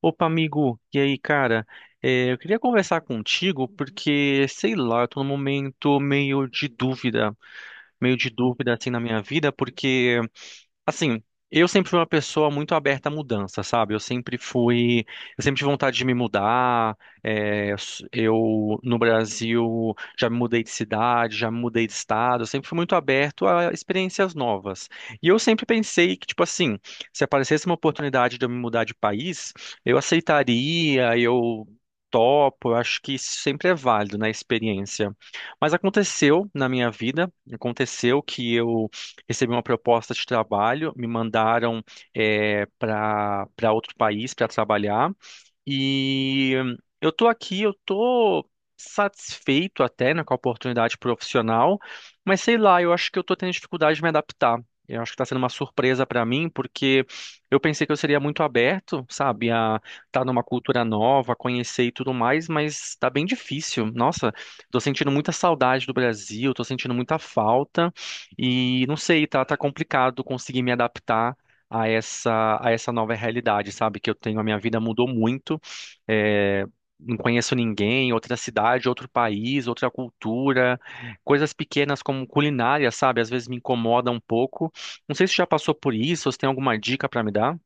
Opa, amigo, e aí, cara? É, eu queria conversar contigo porque, sei lá, eu tô num momento meio de dúvida assim na minha vida, porque assim, eu sempre fui uma pessoa muito aberta à mudança, sabe? Eu sempre tive vontade de me mudar. É, eu no Brasil já me mudei de cidade, já me mudei de estado. Eu sempre fui muito aberto a experiências novas. E eu sempre pensei que, tipo assim, se aparecesse uma oportunidade de eu me mudar de país, eu aceitaria, eu topo. Eu acho que isso sempre é válido na experiência. Mas aconteceu na minha vida, aconteceu que eu recebi uma proposta de trabalho, me mandaram para outro país para trabalhar e eu estou aqui, eu estou satisfeito até, né, com a oportunidade profissional, mas sei lá, eu acho que eu estou tendo dificuldade de me adaptar. Eu acho que está sendo uma surpresa para mim, porque eu pensei que eu seria muito aberto, sabe, a estar numa cultura nova, conhecer e tudo mais, mas está bem difícil. Nossa, estou sentindo muita saudade do Brasil, estou sentindo muita falta. E não sei, tá, tá complicado conseguir me adaptar a essa nova realidade, sabe? Que eu tenho, a minha vida mudou muito. é, não conheço ninguém, outra cidade, outro país, outra cultura. Coisas pequenas como culinária, sabe? Às vezes me incomoda um pouco. Não sei se já passou por isso, ou se tem alguma dica pra me dar.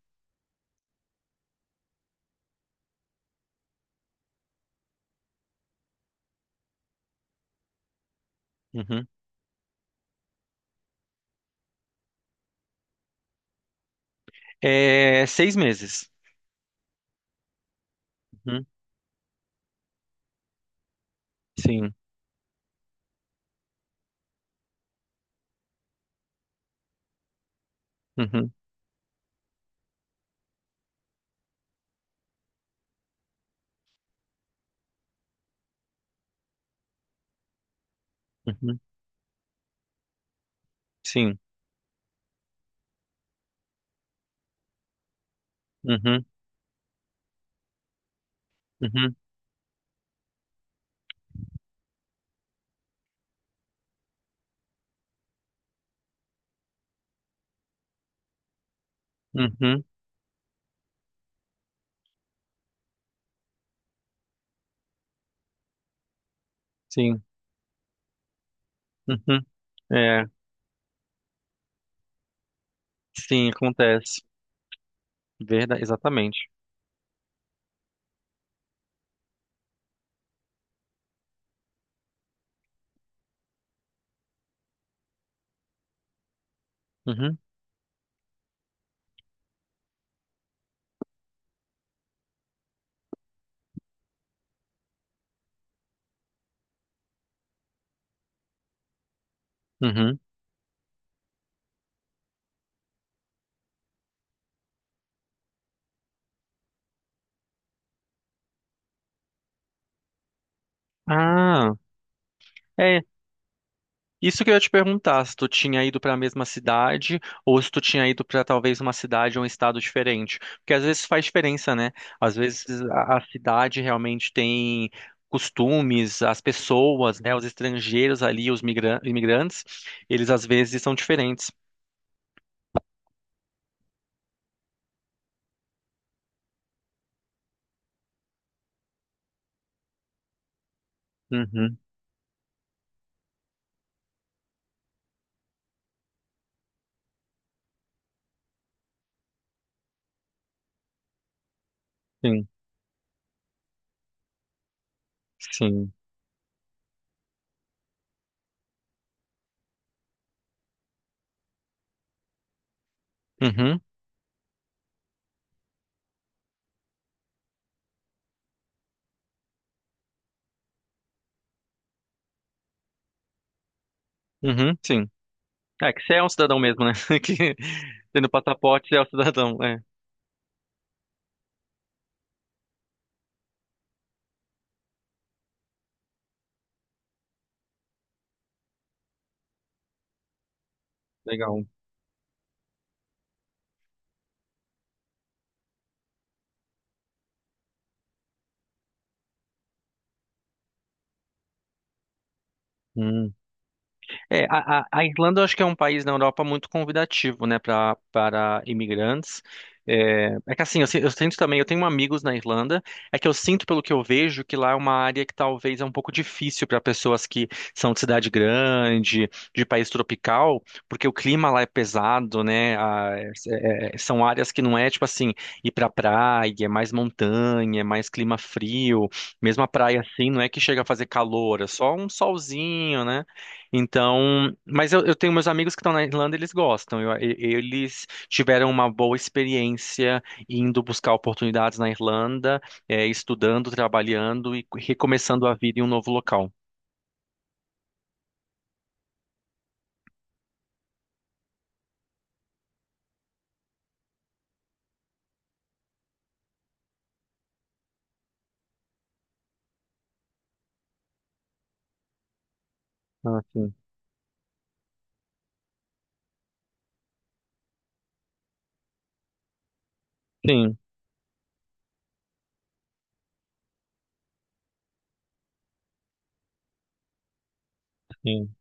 Uhum. É, 6 meses. Uhum. Sim. Uhum. Uhum. Sim. Uhum. Uhum. Uhum. Sim. Uhum. É. Sim, acontece. Verdade, exatamente. Uhum, uhum. Ah, é. Isso que eu ia te perguntar, se tu tinha ido para a mesma cidade ou se tu tinha ido para talvez uma cidade ou um estado diferente. Porque às vezes faz diferença, né? Às vezes a cidade realmente tem costumes, as pessoas, né, os estrangeiros ali, os imigrantes, eles às vezes são diferentes. Uhum, sim, sim. Uhum, uhum, sim. É que você é um cidadão mesmo, né? Que tendo passaporte, você é um cidadão. É, legal. Hum. É, a Irlanda eu acho que é um país na Europa muito convidativo, né, para imigrantes. É, é que assim, eu sinto também, eu tenho amigos na Irlanda, é que eu sinto pelo que eu vejo que lá é uma área que talvez é um pouco difícil para pessoas que são de cidade grande, de país tropical, porque o clima lá é pesado, né? São áreas que não é tipo assim, ir pra praia, é mais montanha, é mais clima frio, mesmo a praia assim, não é que chega a fazer calor, é só um solzinho, né? Então, mas eu tenho meus amigos que estão na Irlanda, eles gostam. Eles tiveram uma boa experiência indo buscar oportunidades na Irlanda, eh, estudando, trabalhando e recomeçando a vida em um novo local. Ah, sim. Sim, sim.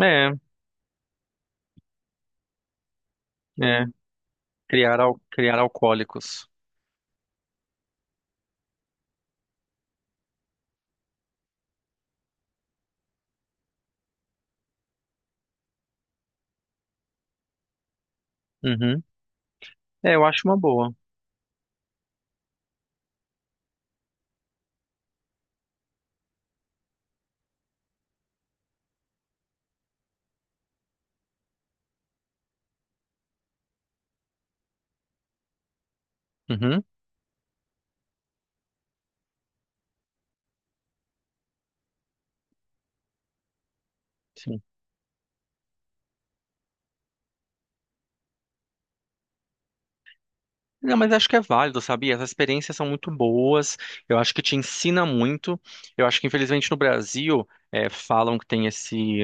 É, é. Criar alcoólicos. Uhum. É, eu acho uma boa. Uhum. Não, mas acho que é válido, sabe? As experiências são muito boas, eu acho que te ensina muito. Eu acho que, infelizmente, no Brasil, eh, falam que tem esse,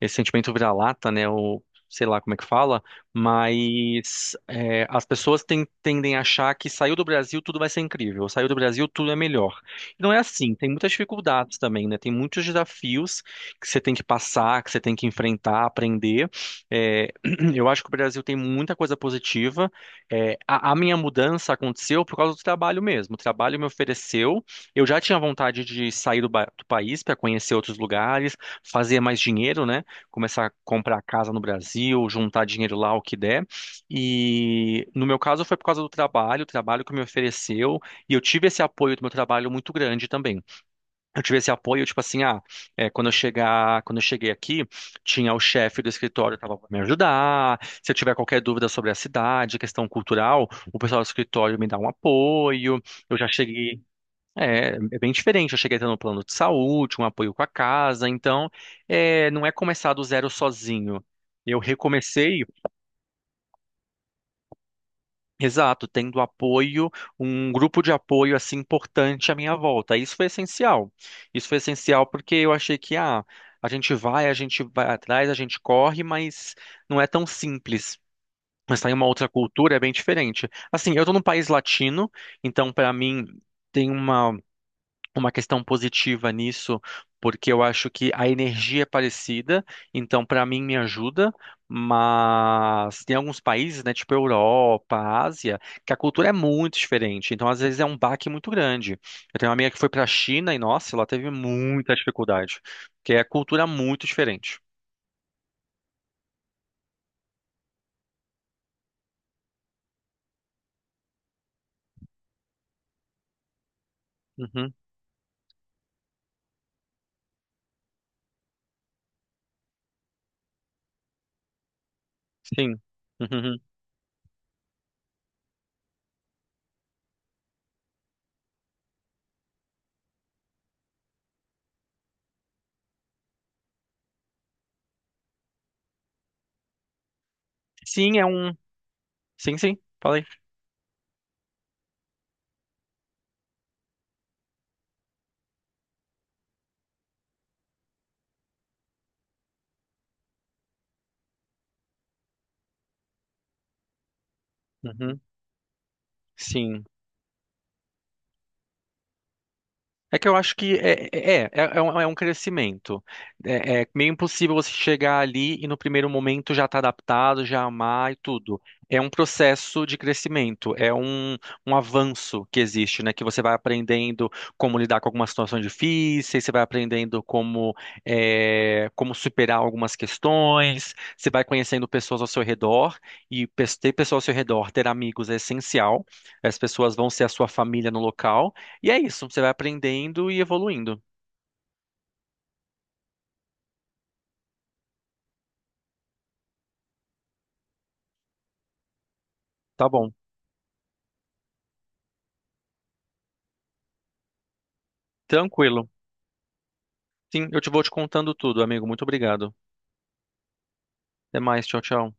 esse sentimento vira-lata, né? Ou sei lá como é que fala, mas eh, as pessoas tendem a achar que saiu do Brasil tudo vai ser incrível, saiu do Brasil tudo é melhor. E não é assim, tem muitas dificuldades também, né? Tem muitos desafios que você tem que passar, que você tem que enfrentar, aprender. Eh, eu acho que o Brasil tem muita coisa positiva. É, a minha mudança aconteceu por causa do trabalho mesmo. O trabalho me ofereceu. Eu já tinha vontade de sair do país para conhecer outros lugares, fazer mais dinheiro, né? Começar a comprar casa no Brasil, juntar dinheiro lá, o que der. E no meu caso foi por causa do trabalho, o trabalho que me ofereceu. E eu tive esse apoio do meu trabalho muito grande também. Eu tive esse apoio, tipo assim, ah, quando eu cheguei aqui, tinha o chefe do escritório que estava para me ajudar. Se eu tiver qualquer dúvida sobre a cidade, questão cultural, o pessoal do escritório me dá um apoio. Eu já cheguei, é bem diferente. Eu cheguei tendo um plano de saúde, um apoio com a casa. Então, é, não é começar do zero sozinho. Eu recomecei Exato, tendo apoio, um grupo de apoio assim importante à minha volta. Isso foi essencial. Isso foi essencial porque eu achei que ah, a gente vai atrás, a gente corre, mas não é tão simples. Mas tá em uma outra cultura é bem diferente. Assim, eu tô num país latino, então para mim tem uma questão positiva nisso, porque eu acho que a energia é parecida, então para mim me ajuda, mas tem alguns países, né, tipo Europa, Ásia, que a cultura é muito diferente, então às vezes é um baque muito grande. Eu tenho uma amiga que foi para a China e nossa, ela teve muita dificuldade, porque é a cultura é muito diferente. Uhum, sim. Uhum. Uhum. Sim, é um. Sim, sim. Falei. Uhum. Sim. É que eu acho que é um crescimento. É, é meio impossível você chegar ali e no primeiro momento já estar adaptado, já amar e tudo. É um processo de crescimento, é um, um avanço que existe, né? Que você vai aprendendo como lidar com algumas situações difíceis, você vai aprendendo como superar algumas questões, você vai conhecendo pessoas ao seu redor, e ter pessoas ao seu redor, ter amigos é essencial. As pessoas vão ser a sua família no local. E é isso, você vai aprendendo e evoluindo. Tá bom, tranquilo. Sim, eu te vou te contando tudo, amigo. Muito obrigado. Até mais, tchau, tchau.